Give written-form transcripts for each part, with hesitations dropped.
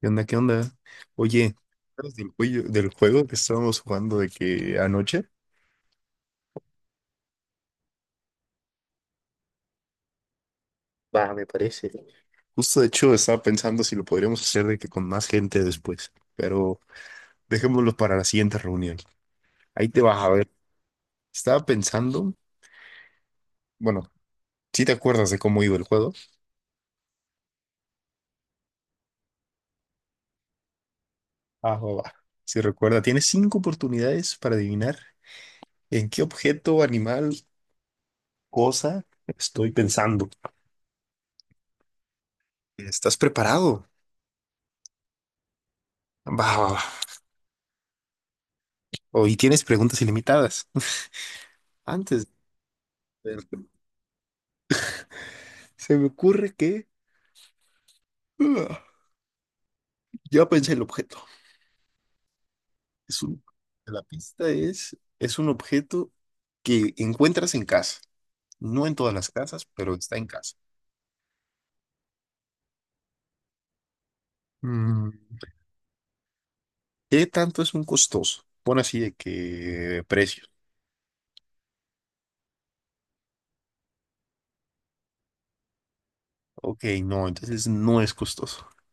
¿Qué onda? ¿Qué onda? Oye, ¿te acuerdas del, del juego que estábamos jugando de que anoche? Justo de hecho estaba pensando si lo podríamos hacer de que con más gente después, pero dejémoslo para la siguiente reunión. Ahí te vas a ver. Estaba pensando, bueno, ¿si te acuerdas de cómo iba el juego? Ah, va, va. Si recuerda, tienes cinco oportunidades para adivinar en qué objeto, animal, cosa estoy pensando. ¿Estás preparado? Va, va, va. Hoy tienes preguntas ilimitadas. Antes. Se me ocurre que... Ah, ya pensé el objeto. Es un... La pista es... Es un objeto que encuentras en casa. No en todas las casas, pero está en casa. Mm, ¿qué tanto es un costoso? Pon así de que precio. Ok, no, entonces no es costoso.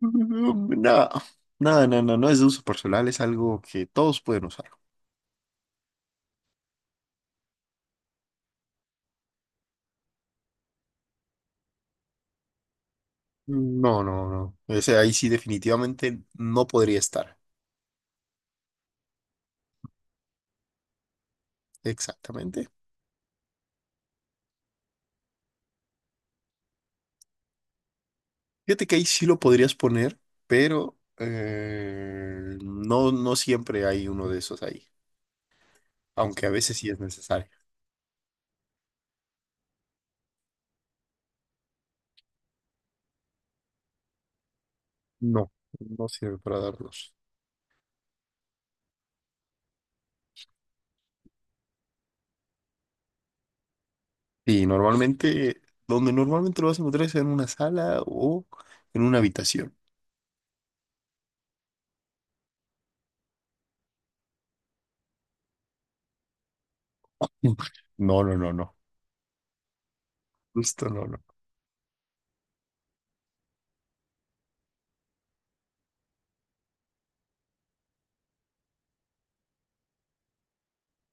Mm, no, nada, no, no, no es de uso personal, es algo que todos pueden usar. No, no, no. Ese ahí sí definitivamente no podría estar. Exactamente. Fíjate que ahí sí lo podrías poner, pero no, no siempre hay uno de esos ahí, aunque a veces sí es necesario. No, no sirve para darlos. Y normalmente, donde normalmente lo vas a encontrar es en una sala o en una habitación. No, no, no, no. Esto no, no.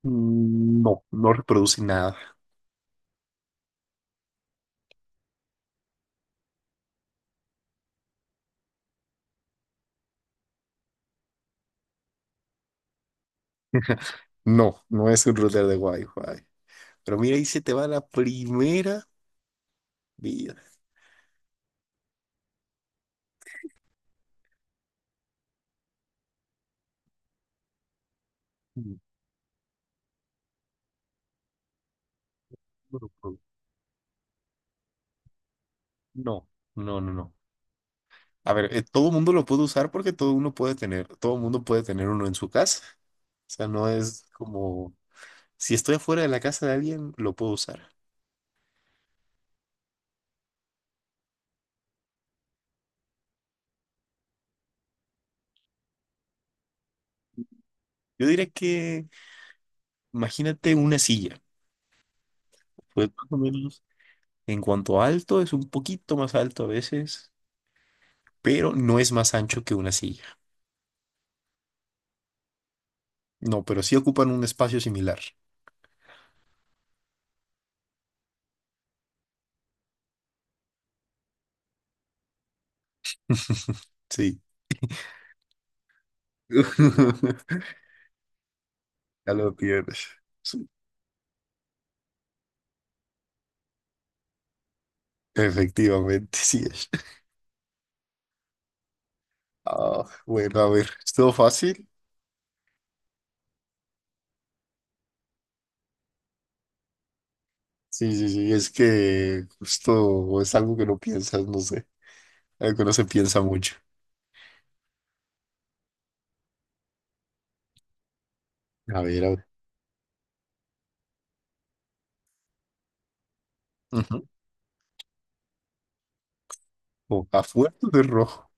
Mm, no, no reproduce nada. No, no es un router de Wi-Fi. Pero mira, ahí se te va la primera vida. Mm, no, no, no. No. No, no, no. A ver, todo mundo lo puede usar porque todo uno puede tener, todo mundo puede tener uno en su casa. O sea, no es como, si estoy afuera de la casa de alguien, lo puedo usar. Yo diría que, imagínate una silla. Pues más o menos, en cuanto a alto, es un poquito más alto a veces, pero no es más ancho que una silla. No, pero sí ocupan un espacio similar. Sí. Ya lo tienes. Sí, efectivamente, sí es. Ah, bueno, a ver, ¿estuvo fácil? Sí, sí, sí, es que justo es algo que no piensas, no sé, algo que no se piensa mucho. A ver, a ver. Ujú. O a fuerza de rojo,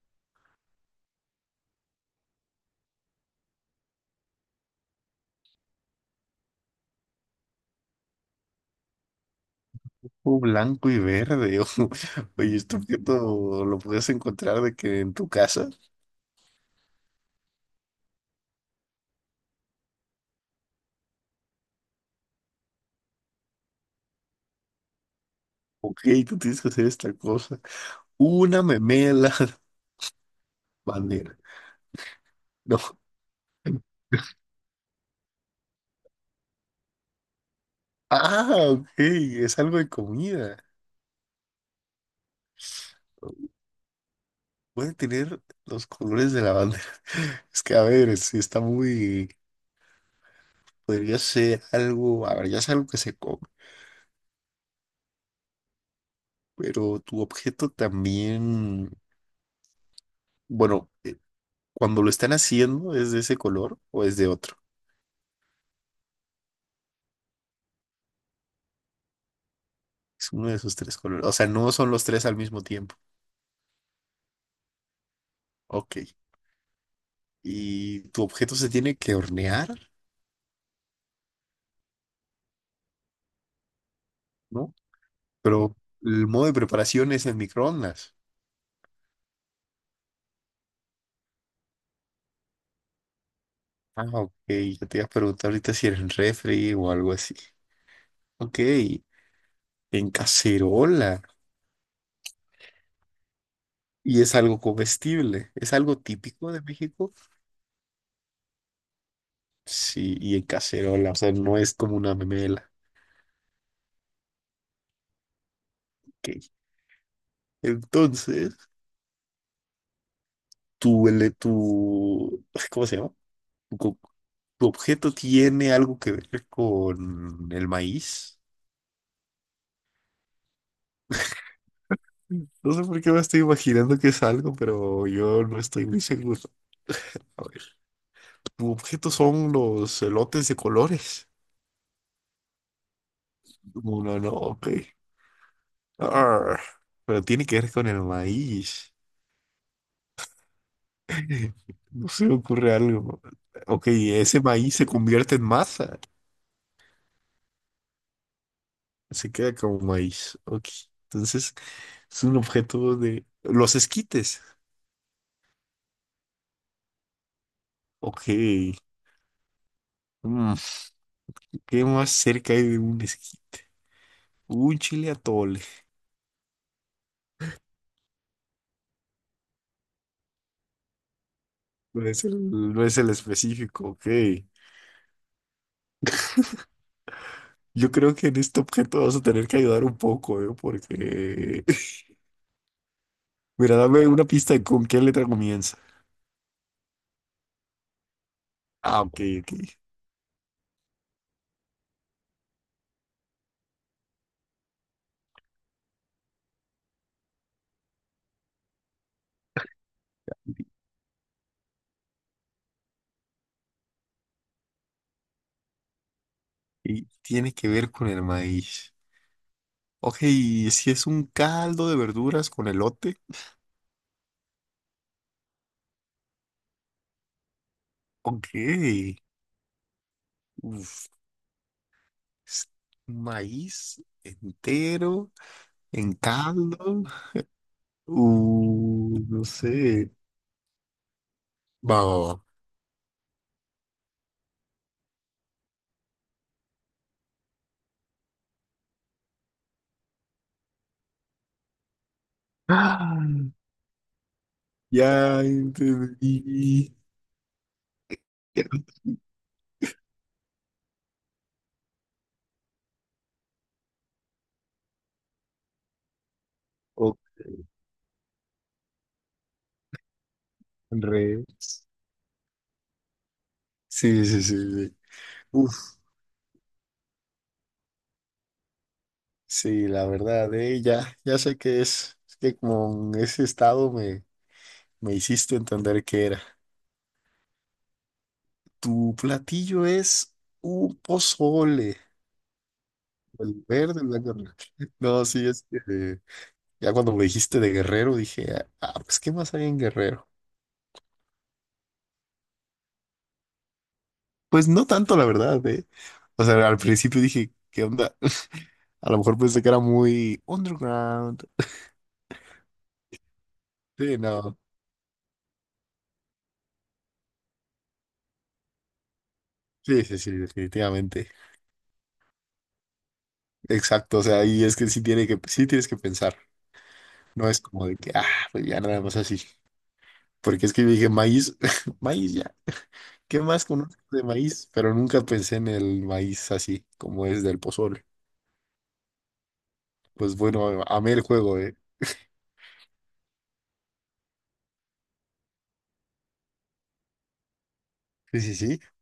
o blanco y verde. Oye, esto que todo lo puedes encontrar de que en tu casa, ok, tú tienes que hacer esta cosa. Una memela bandera. No. Ah, ok, es algo de comida. Puede tener los colores de la bandera. Es que, a ver, si está muy... Podría ser algo, a ver, ya es algo que se come. Pero tu objeto también, bueno, cuando lo están haciendo, ¿es de ese color o es de otro? Es uno de esos tres colores. O sea, no son los tres al mismo tiempo. Ok. ¿Y tu objeto se tiene que hornear, no? Pero el modo de preparación es en microondas. Ah, ok. Yo te iba a preguntar ahorita si era en refri o algo así. Ok. En cacerola. Y es algo comestible. ¿Es algo típico de México? Sí, y en cacerola. O sea, no es como una memela. Ok. Entonces, ay, ¿cómo se llama? Tu, co- tu objeto tiene algo que ver con el maíz. No sé por qué me estoy imaginando que es algo, pero yo no estoy muy seguro. A ver, tu objeto son los elotes de colores. Uno no, ok. Arr, pero tiene que ver con el maíz. No se me ocurre algo. Ok, ese maíz se convierte en masa. Se queda como maíz. Ok. Entonces, es un objeto de... Los esquites. Ok. Mm, ¿qué más cerca hay de un esquite? Un chile atole. No es el específico, ok. Yo creo que en este objeto vas a tener que ayudar un poco, ¿eh? Porque... Mira, dame una pista de con qué letra comienza. Ah, ok, ok. Y tiene que ver con el maíz. Ok, ¿y si es un caldo de verduras con elote? Ok. Uf, es maíz entero. En caldo. No sé. Va, va, va. Ah, ya entendí. O con res. Sí, sí, sí, sí. Uf, sí, la verdad, ya, ya sé qué es que con ese estado me hiciste entender qué era. Tu platillo es un pozole, el verde, el blanco. No, sí, es que ya cuando me dijiste de Guerrero dije, ah, pues, ¿qué más hay en Guerrero? Pues no tanto, la verdad, eh. O sea, al principio dije, ¿qué onda? A lo mejor pensé que era muy underground. Sí, no. Sí, sí, sí, definitivamente. Exacto, o sea, y es que sí tiene que, sí tienes que pensar. No es como de que, ah, pues ya nada más así. Porque es que yo dije maíz, maíz ya. ¿Qué más conozco de maíz? Pero nunca pensé en el maíz así, como es del pozole. Pues bueno, amé el juego, eh. Sí, sí, sí.